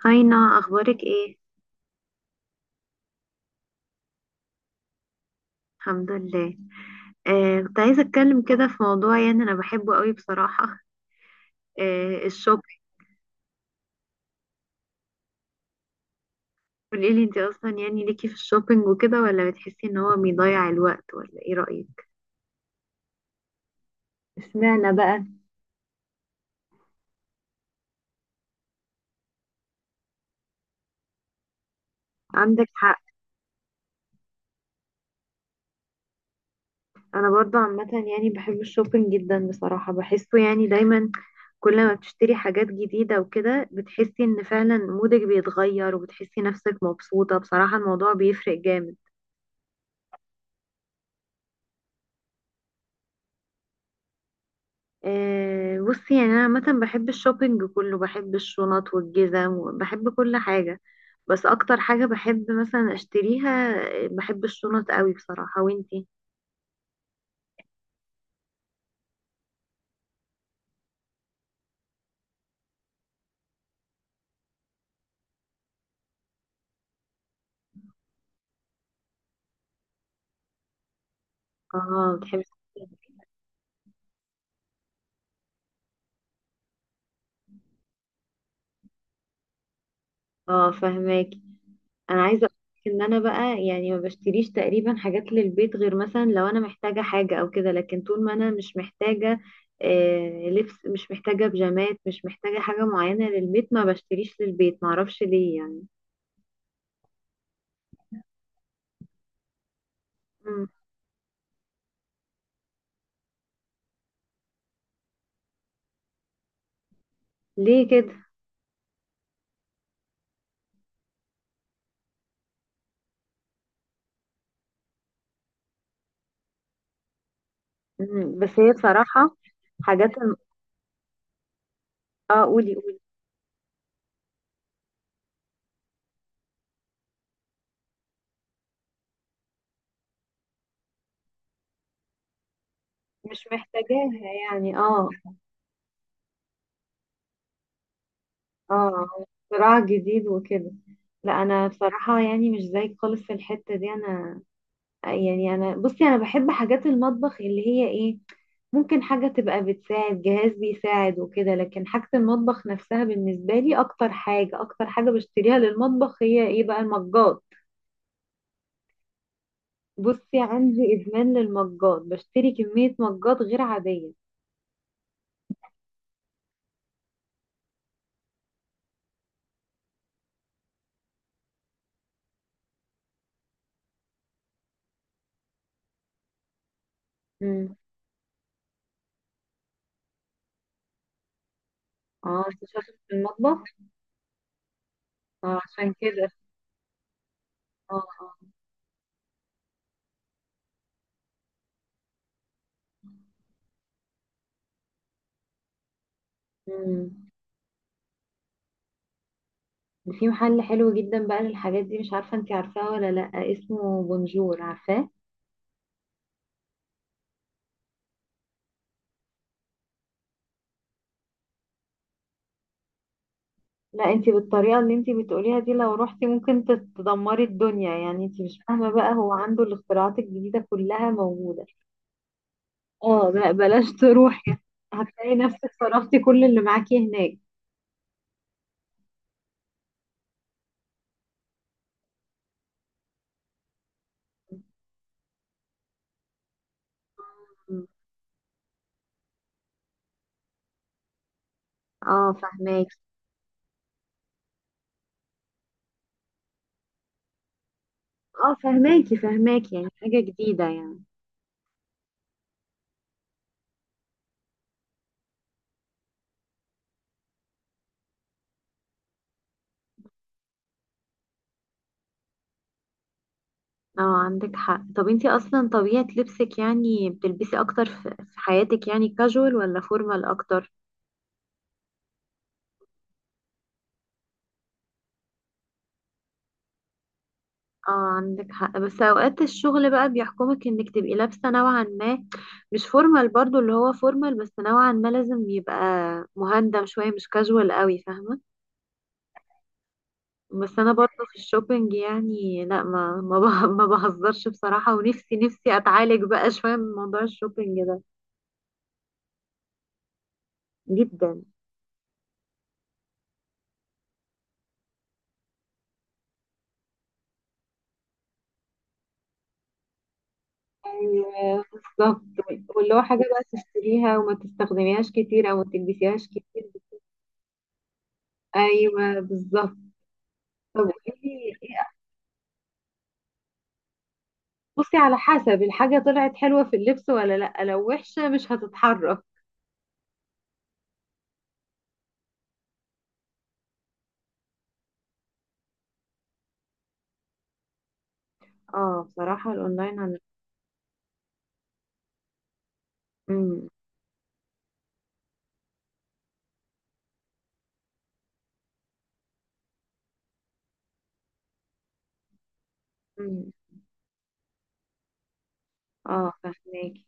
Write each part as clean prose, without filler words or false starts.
هاينا اخبارك ايه؟ الحمد لله. كنت عايزه اتكلم كده في موضوع، يعني انا بحبه قوي بصراحه. الشوبينج. قولي لي انت اصلا يعني ليكي في الشوبينج وكده، ولا بتحسي ان هو بيضيع الوقت؟ ولا ايه رايك؟ اشمعنى بقى؟ عندك حق. انا برضو عامه يعني بحب الشوبينج جدا بصراحه، بحسه يعني دايما كل ما بتشتري حاجات جديده وكده بتحسي ان فعلا مودك بيتغير، وبتحسي نفسك مبسوطه. بصراحه الموضوع بيفرق جامد. بصي، يعني انا عامه بحب الشوبينج كله، بحب الشنط والجزم وبحب كل حاجه، بس اكتر حاجه بحب مثلا اشتريها، بحب الشنط قوي بصراحه. وانتي؟ اه، بتحبي. اه فهماكي. انا عايزه اقولك ان انا بقى يعني ما بشتريش تقريبا حاجات للبيت، غير مثلا لو انا محتاجه حاجه او كده، لكن طول ما انا مش محتاجه، لبس مش محتاجه، بيجامات مش محتاجه، حاجه معينه للبيت، ما بشتريش للبيت. ما اعرفش ليه يعني. مم. ليه كده؟ مم. بس هي بصراحة حاجات الم- اه، قولي قولي. مش محتاجاها يعني، اه اه، صراع جديد وكده. لا انا بصراحة يعني مش زيك خالص في الحتة دي. انا يعني، انا بصي، انا بحب حاجات المطبخ اللي هي ايه، ممكن حاجة تبقى بتساعد، جهاز بيساعد وكده، لكن حاجة المطبخ نفسها بالنسبة لي، اكتر حاجة، اكتر حاجة بشتريها للمطبخ هي ايه بقى؟ المجات. بصي، عندي ادمان للمجات، بشتري كمية مجات غير عادية. مم. اه، أصل شاطر في المطبخ. اه عشان كده. اه اه. مم. وفي محل حلو جدا بقى للحاجات دي، مش عارفة انتي عارفاه ولا لأ، اسمه بونجور، عارفاه؟ لا انتي بالطريقة اللي انتي بتقوليها دي لو روحتي ممكن تدمري الدنيا. يعني انتي مش فاهمة بقى، هو عنده الاختراعات الجديدة كلها موجودة. اه لا، بلاش تروحي. هتلاقي نفسك صرفتي كل اللي معاكي هناك. مم. اه فهماكي. اه فهماكي فهماكي، يعني حاجة جديدة يعني. اه عندك حق. طب انتي اصلا طبيعة لبسك، يعني بتلبسي اكتر في حياتك يعني كاجوال، ولا فورمال اكتر؟ اه عندك حق، بس اوقات الشغل بقى بيحكمك انك تبقي لابسة نوعا ما، مش فورمال برضو اللي هو فورمال، بس نوعا ما لازم يبقى مهندم شوية، مش كاجوال قوي، فاهمة. بس انا برضو في الشوبينج يعني لا، ما بهزرش بصراحة، ونفسي نفسي اتعالج بقى شوية من موضوع الشوبينج ده. جدا. أيوة، بالظبط. واللي هو حاجة بقى تشتريها وما تستخدميهاش كتير، أو ما تلبسيهاش كتير. أيوة بالظبط. طب قولي لي، إيه؟ بصي، على حسب الحاجة، طلعت حلوة في اللبس ولا لأ، لو وحشة مش هتتحرك. اه بصراحة الأونلاين عن... مم. مم. اه فهماكي.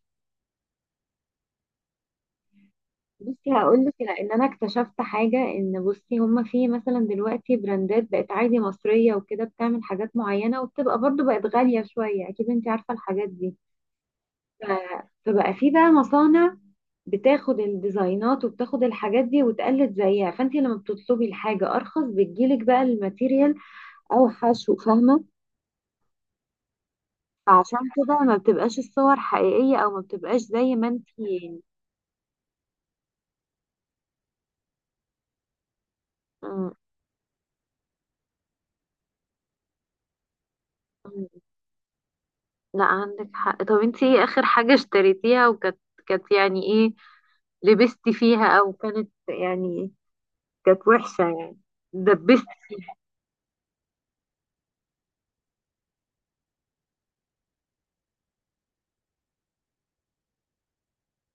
بصي هقول لك، لأن أنا اكتشفت حاجة، إن بصي هما في مثلا دلوقتي براندات بقت عادي مصرية وكده بتعمل حاجات معينة، وبتبقى برضو بقت غالية شوية، أكيد أنت عارفة الحاجات دي. فبقى في بقى مصانع بتاخد الديزاينات وبتاخد الحاجات دي وتقلد زيها، فانت لما بتطلبي الحاجة ارخص بتجيلك بقى الماتيريال اوحش، وفاهمة. فعشان كده ما بتبقاش الصور حقيقية، او ما بتبقاش زي ما انت م- م- لا عندك حق. طب انت ايه اخر حاجة اشتريتيها، وكانت كانت يعني ايه، لبستي فيها، او كانت يعني كانت وحشة يعني، دبستي فيها؟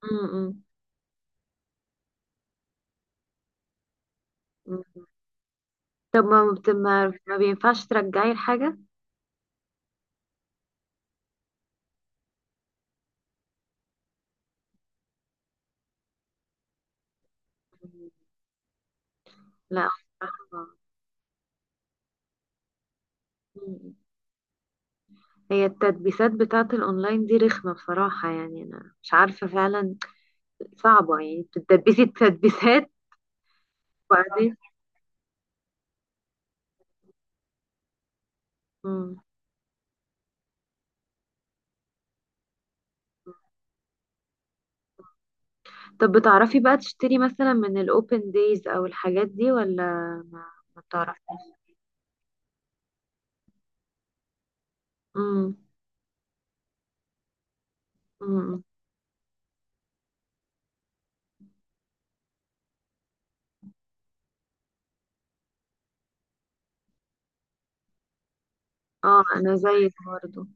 م- م- م. طب ما ما بينفعش ترجعي الحاجة؟ لا بصراحة. مم. هي التدبيسات بتاعة الأونلاين دي رخمة بصراحة، يعني أنا مش عارفة فعلا. صعبة يعني، بتدبسي التدبيسات وبعدين. مم. طب بتعرفي بقى تشتري مثلا من الأوبن دايز أو الحاجات دي، ولا ما, ما بتعرفي؟ مم. مم. اه أنا زيك برضه.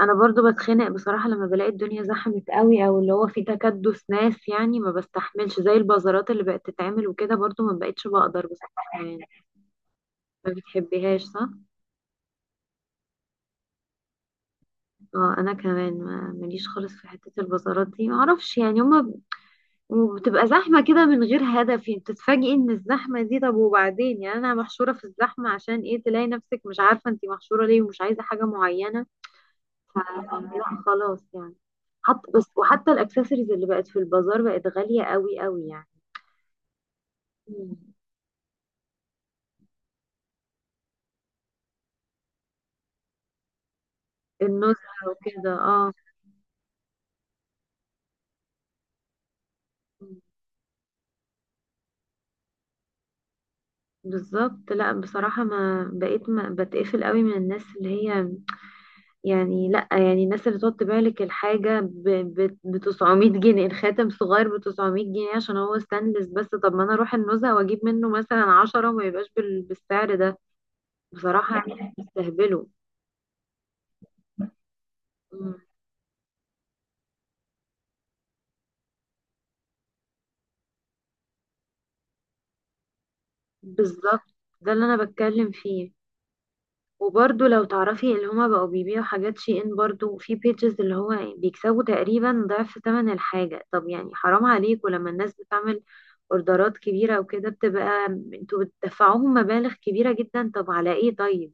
أنا برضه بتخنق بصراحة لما بلاقي الدنيا زحمت قوي، أو اللي هو في تكدس ناس، يعني ما بستحملش. زي البازارات اللي بقت تتعمل وكده، برضه ما بقتش بقدر بصراحة يعني. ما بتحبيهاش صح؟ اه انا كمان ماليش خالص في حتة البازارات دي. معرفش يعني، وبتبقى زحمة كده من غير هدف، يعني بتتفاجئي ان الزحمة دي، طب وبعدين يعني انا محشورة في الزحمة عشان ايه؟ تلاقي نفسك مش عارفة انتي محشورة ليه، ومش عايزة حاجة معينة. ف- لا خلاص يعني. حط بس، وحتى الاكسسوارز اللي بقت في البازار بقت غالية قوي قوي يعني. مم. النزهة وكده، اه. بالظبط. لا بصراحة ما بقيت، ما بتقفل قوي من الناس اللي هي يعني، لا يعني، الناس اللي تحط بالك الحاجة بتسعمية جنيه، الخاتم صغير بتسعمية جنيه عشان هو ستانلس، بس طب ما انا اروح النزهة واجيب منه مثلا عشرة، وما يبقاش بالسعر ده بصراحة يعني. بيستهبلوا. مم. بالظبط. ده اللي انا بتكلم فيه. وبرضه لو تعرفي اللي هما بقوا بيبيعوا حاجات شي ان، برضه في بيجز اللي هو يعني بيكسبوا تقريبا ضعف ثمن الحاجة. طب يعني حرام عليك. ولما الناس بتعمل اوردرات كبيرة وكده بتبقى، انتوا بتدفعوهم مبالغ كبيرة جدا، طب على ايه طيب؟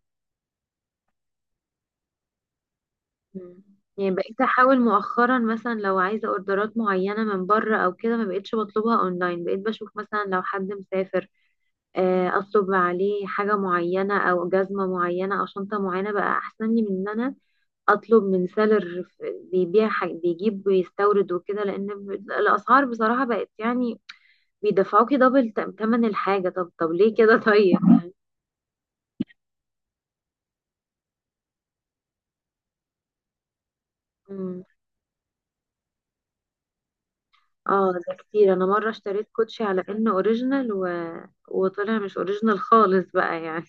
مم. يعني بقيت احاول مؤخرا مثلا لو عايزة اوردرات معينة من بره او كده، ما بقيتش بطلبها اونلاين، بقيت بشوف مثلا لو حد مسافر، اطلب عليه حاجة معينة، او جزمة معينة، او شنطة معينة، بقى احسن لي من ان انا اطلب من سيلر بيجيب ويستورد وكده، لان الاسعار بصراحه بقت يعني بيدفعوكي دبل تمن الحاجه. طب طب ليه كده؟ طيب يعني. مم. اه ده كتير. انا مره اشتريت كوتشي على انه اوريجينال، و... وطلع مش اوريجينال خالص بقى يعني.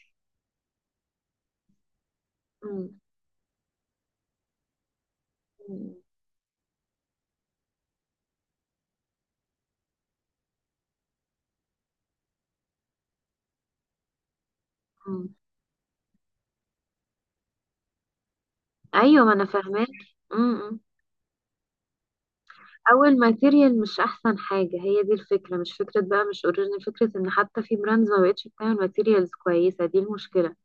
مم. مم. مم. ايوه ما انا فاهماك. مم. مم. اول ماتيريال مش احسن حاجه، هي دي الفكره. مش فكره بقى مش اوريجينال، فكره ان حتى في براندز ما بقتش بتعمل ماتيريالز كويسه، دي المشكله.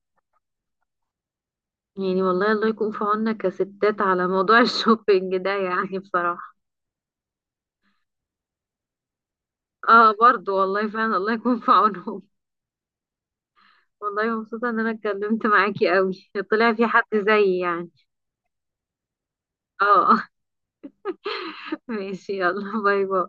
يعني والله الله يكون في عوننا كستات على موضوع الشوبينج ده يعني بصراحة. اه برضو، والله فعلا الله يكون في عونهم. والله مبسوطة ان انا اتكلمت معاكي قوي، طلع في حد زيي يعني. اه ماشي، يلا باي باي.